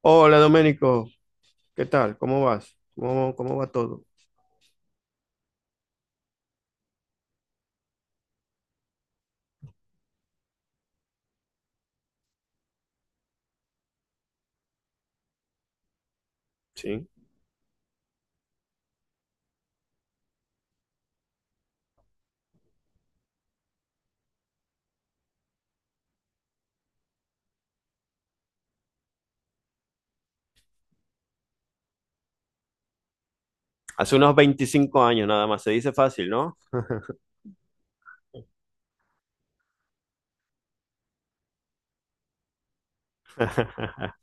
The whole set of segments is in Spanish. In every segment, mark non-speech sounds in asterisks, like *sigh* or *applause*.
Hola Doménico, ¿qué tal? ¿Cómo vas? ¿Cómo va todo? Sí. Hace unos 25 años nada más, se dice fácil, ¿no? *laughs*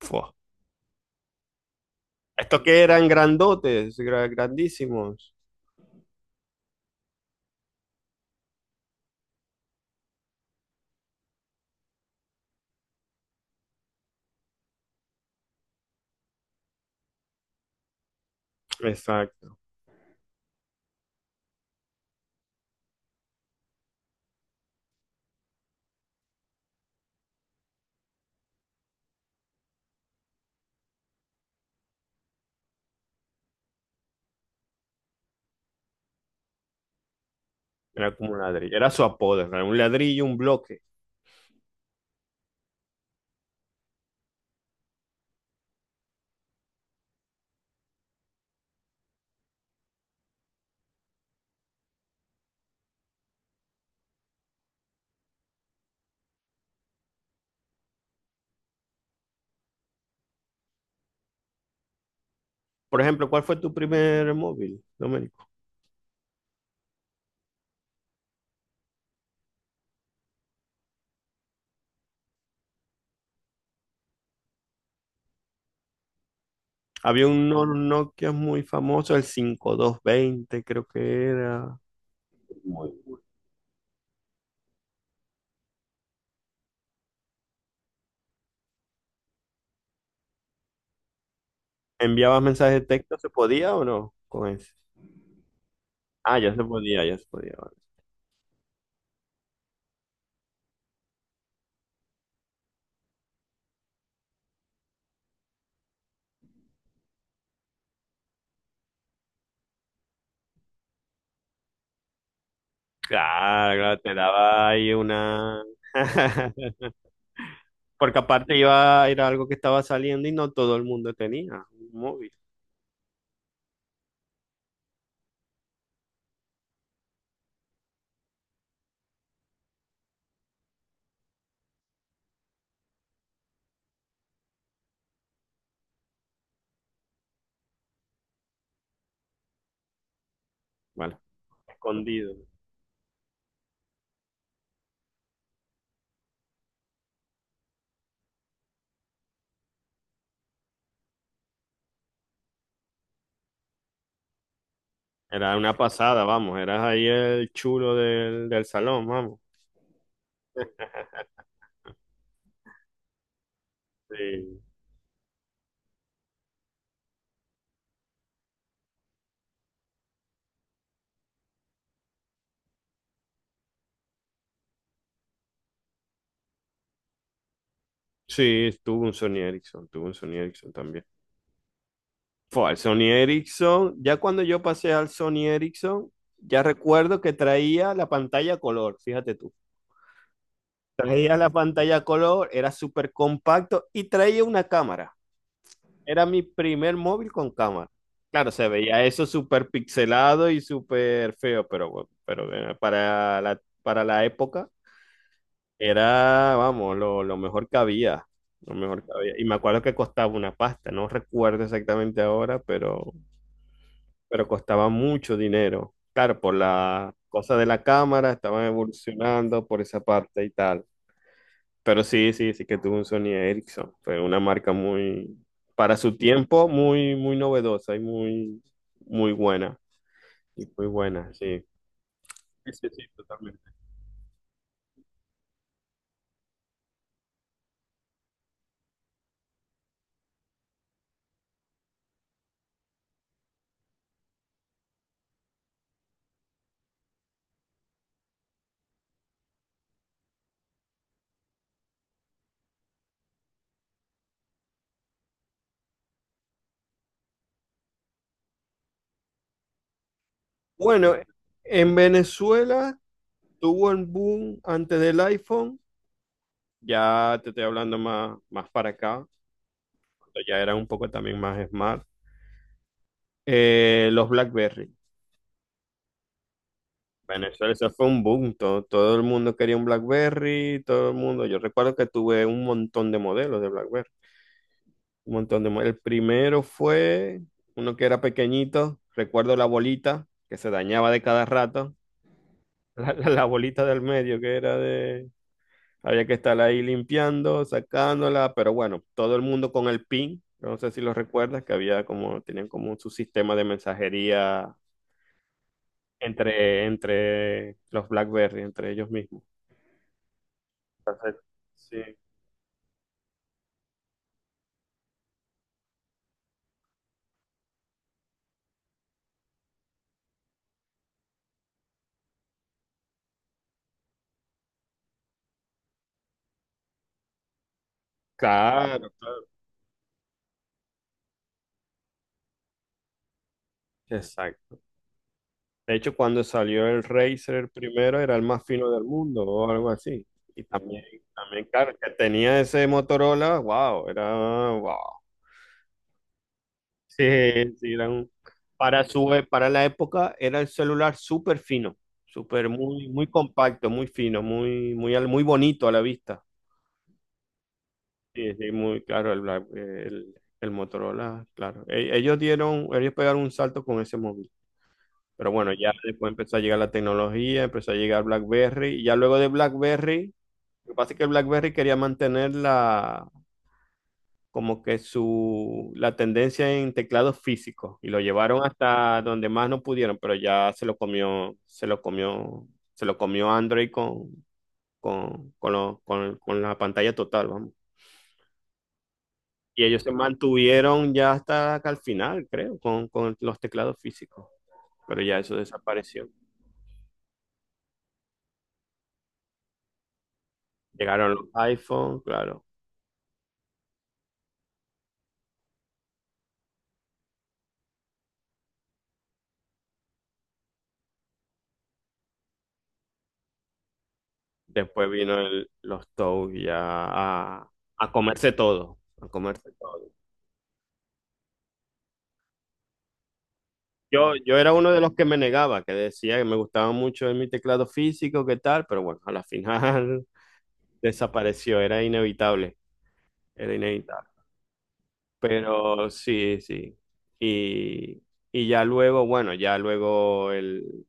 Fua. Estos que eran grandotes, grandísimos. Exacto. Era como un ladrillo. Era su apodo, era un ladrillo, un bloque. Por ejemplo, ¿cuál fue tu primer móvil, Doménico? Había un Nokia muy famoso, el 5220, creo que era. Muy- ¿Enviabas mensajes de texto? ¿Se podía o no? Con ese. Ah, ya se podía, ya se podía. Claro, claro, te daba ahí una. *laughs* Porque aparte iba, era algo que estaba saliendo y no todo el mundo tenía un móvil. Bueno, escondido. Era una pasada, vamos, eras ahí el chulo del salón, vamos. *laughs* Sí, sí, tuve un Sony Ericsson, tuve un Sony Ericsson también. Fue al Sony Ericsson, ya cuando yo pasé al Sony Ericsson, ya recuerdo que traía la pantalla a color, fíjate tú. Traía la pantalla a color, era súper compacto y traía una cámara. Era mi primer móvil con cámara. Claro, se veía eso súper pixelado y súper feo, pero bueno, pero para la época era, vamos, lo mejor que había. Lo mejor que había. Y me acuerdo que costaba una pasta, no recuerdo exactamente ahora, pero costaba mucho dinero. Claro, por la cosa de la cámara, estaban evolucionando por esa parte y tal. Pero sí, sí, sí que tuvo un Sony Ericsson. Fue una marca muy, para su tiempo, muy, muy novedosa y muy, muy buena. Y muy buena, sí. Sí, sí, sí, totalmente. Bueno, en Venezuela tuvo el boom antes del iPhone. Ya te estoy hablando más, más para acá. Cuando ya era un poco también más smart. Los BlackBerry. Venezuela, eso fue un boom. Todo, todo el mundo quería un BlackBerry, todo el mundo. Yo recuerdo que tuve un montón de modelos de BlackBerry. Un montón de El primero fue uno que era pequeñito, recuerdo la bolita que se dañaba de cada rato. *laughs* La bolita del medio que era de. Había que estar ahí limpiando, sacándola, pero bueno, todo el mundo con el pin, no sé si lo recuerdas, que había como, tenían como su sistema de mensajería entre los BlackBerry, entre ellos mismos. Entonces, sí. Claro, claro. Exacto. De hecho, cuando salió el Razer primero era el más fino del mundo o algo así. Y también, también claro, que tenía ese Motorola, wow, era wow. Sí, sí, para su, para la época era el celular súper fino, súper muy, muy compacto, muy fino, muy, muy, muy bonito a la vista. Sí, sí, muy claro, el, el Motorola, claro. Ellos dieron, ellos pegaron un salto con ese móvil. Pero bueno, ya después empezó a llegar la tecnología, empezó a llegar BlackBerry. Y ya luego de BlackBerry, lo que pasa es que BlackBerry quería mantener la, como que su, la tendencia en teclados físicos. Y lo llevaron hasta donde más no pudieron, pero ya se lo comió, se lo comió, se lo comió Android con la pantalla total, vamos. Y ellos se mantuvieron ya hasta acá al final, creo, con los teclados físicos. Pero ya eso desapareció. Llegaron los iPhone, claro. Después vino los Toads ya a comerse todo, a comerse todo. Yo era uno de los que me negaba, que decía que me gustaba mucho mi teclado físico, qué tal, pero bueno, a la final *laughs* desapareció, era inevitable, era inevitable. Pero sí, sí. Y, y ya luego, bueno, ya luego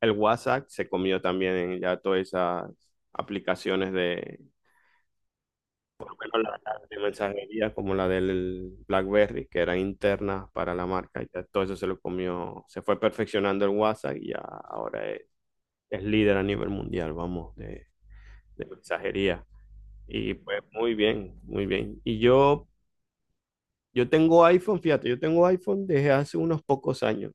el WhatsApp se comió también ya todas esas aplicaciones de mensajería como la del BlackBerry, que eran internas para la marca. Y ya todo eso se lo comió, se fue perfeccionando el WhatsApp y ya ahora es líder a nivel mundial, vamos, de mensajería. Y pues muy bien, muy bien. Yo tengo iPhone, fíjate, yo tengo iPhone desde hace unos pocos años,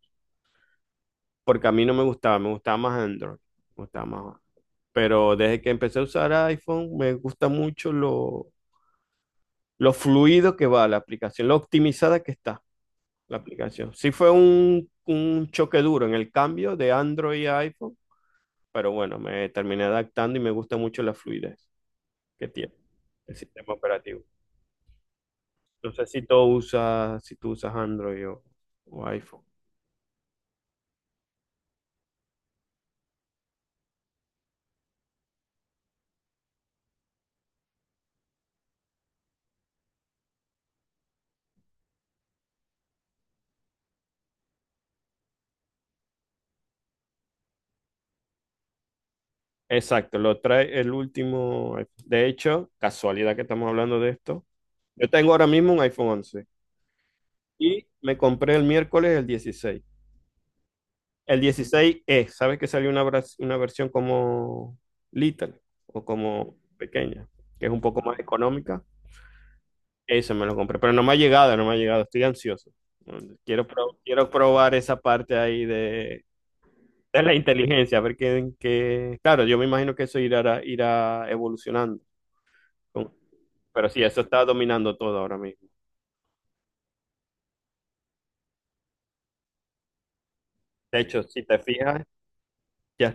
porque a mí no me gustaba, me gustaba más Android, me gustaba más. Pero desde que empecé a usar iPhone, me gusta mucho lo fluido que va la aplicación, lo optimizada que está la aplicación. Sí fue un choque duro en el cambio de Android a iPhone, pero bueno, me terminé adaptando y me gusta mucho la fluidez que tiene el sistema operativo. No sé si tú usas, si tú usas Android o iPhone. Exacto, lo trae el último iPhone. De hecho, casualidad que estamos hablando de esto. Yo tengo ahora mismo un iPhone 11 y me compré el miércoles el 16. El 16 e ¿sabes que salió una, una versión como Little o como pequeña, que es un poco más económica? Eso me lo compré, pero no me ha llegado, no me ha llegado, estoy ansioso. Quiero, quiero probar esa parte ahí de la inteligencia, a ver qué, Claro, yo me imagino que eso irá, irá evolucionando, pero sí, eso está dominando todo ahora mismo. De hecho, si te fijas, ya.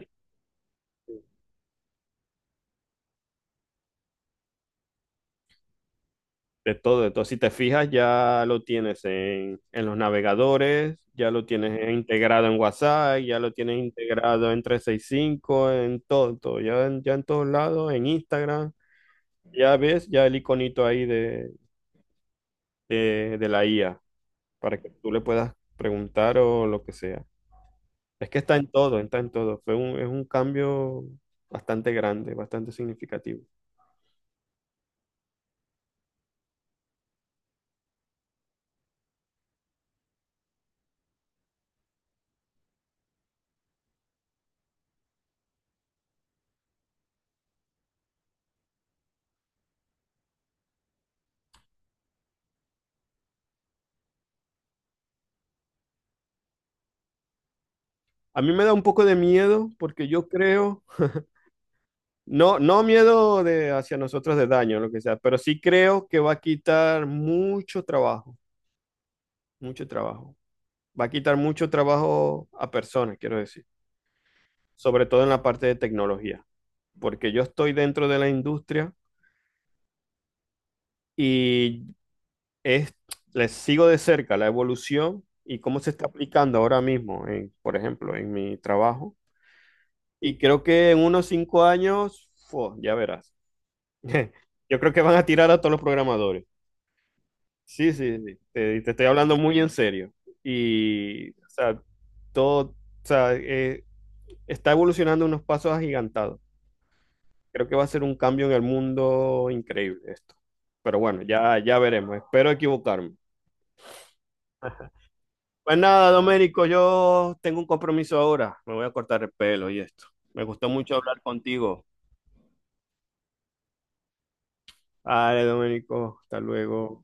De todo, de todo. Si te fijas, ya lo tienes en los navegadores, ya lo tienes integrado en WhatsApp, ya lo tienes integrado en 365, en todo, todo. Ya, ya en todos lados, en Instagram. Ya ves, ya el iconito ahí de la IA, para que tú le puedas preguntar o lo que sea. Es que está en todo, está en todo. Fue es un cambio bastante grande, bastante significativo. A mí me da un poco de miedo porque yo creo. No, no miedo de hacia nosotros de daño, lo que sea, pero sí creo que va a quitar mucho trabajo, mucho trabajo. Va a quitar mucho trabajo a personas, quiero decir, sobre todo en la parte de tecnología, porque yo estoy dentro de la industria y es, les sigo de cerca la evolución y cómo se está aplicando ahora mismo, en, por ejemplo, en mi trabajo. Y creo que en unos 5 años, fu, ya verás. *laughs* Yo creo que van a tirar a todos los programadores. Sí, sí, sí. Te estoy hablando muy en serio. Y, o sea, todo, o sea, está evolucionando unos pasos agigantados. Creo que va a ser un cambio en el mundo increíble esto. Pero bueno, ya, ya veremos. Espero equivocarme. Pues nada, Doménico, yo tengo un compromiso ahora. Me voy a cortar el pelo y esto. Me gustó mucho hablar contigo. Vale, Doménico, hasta luego.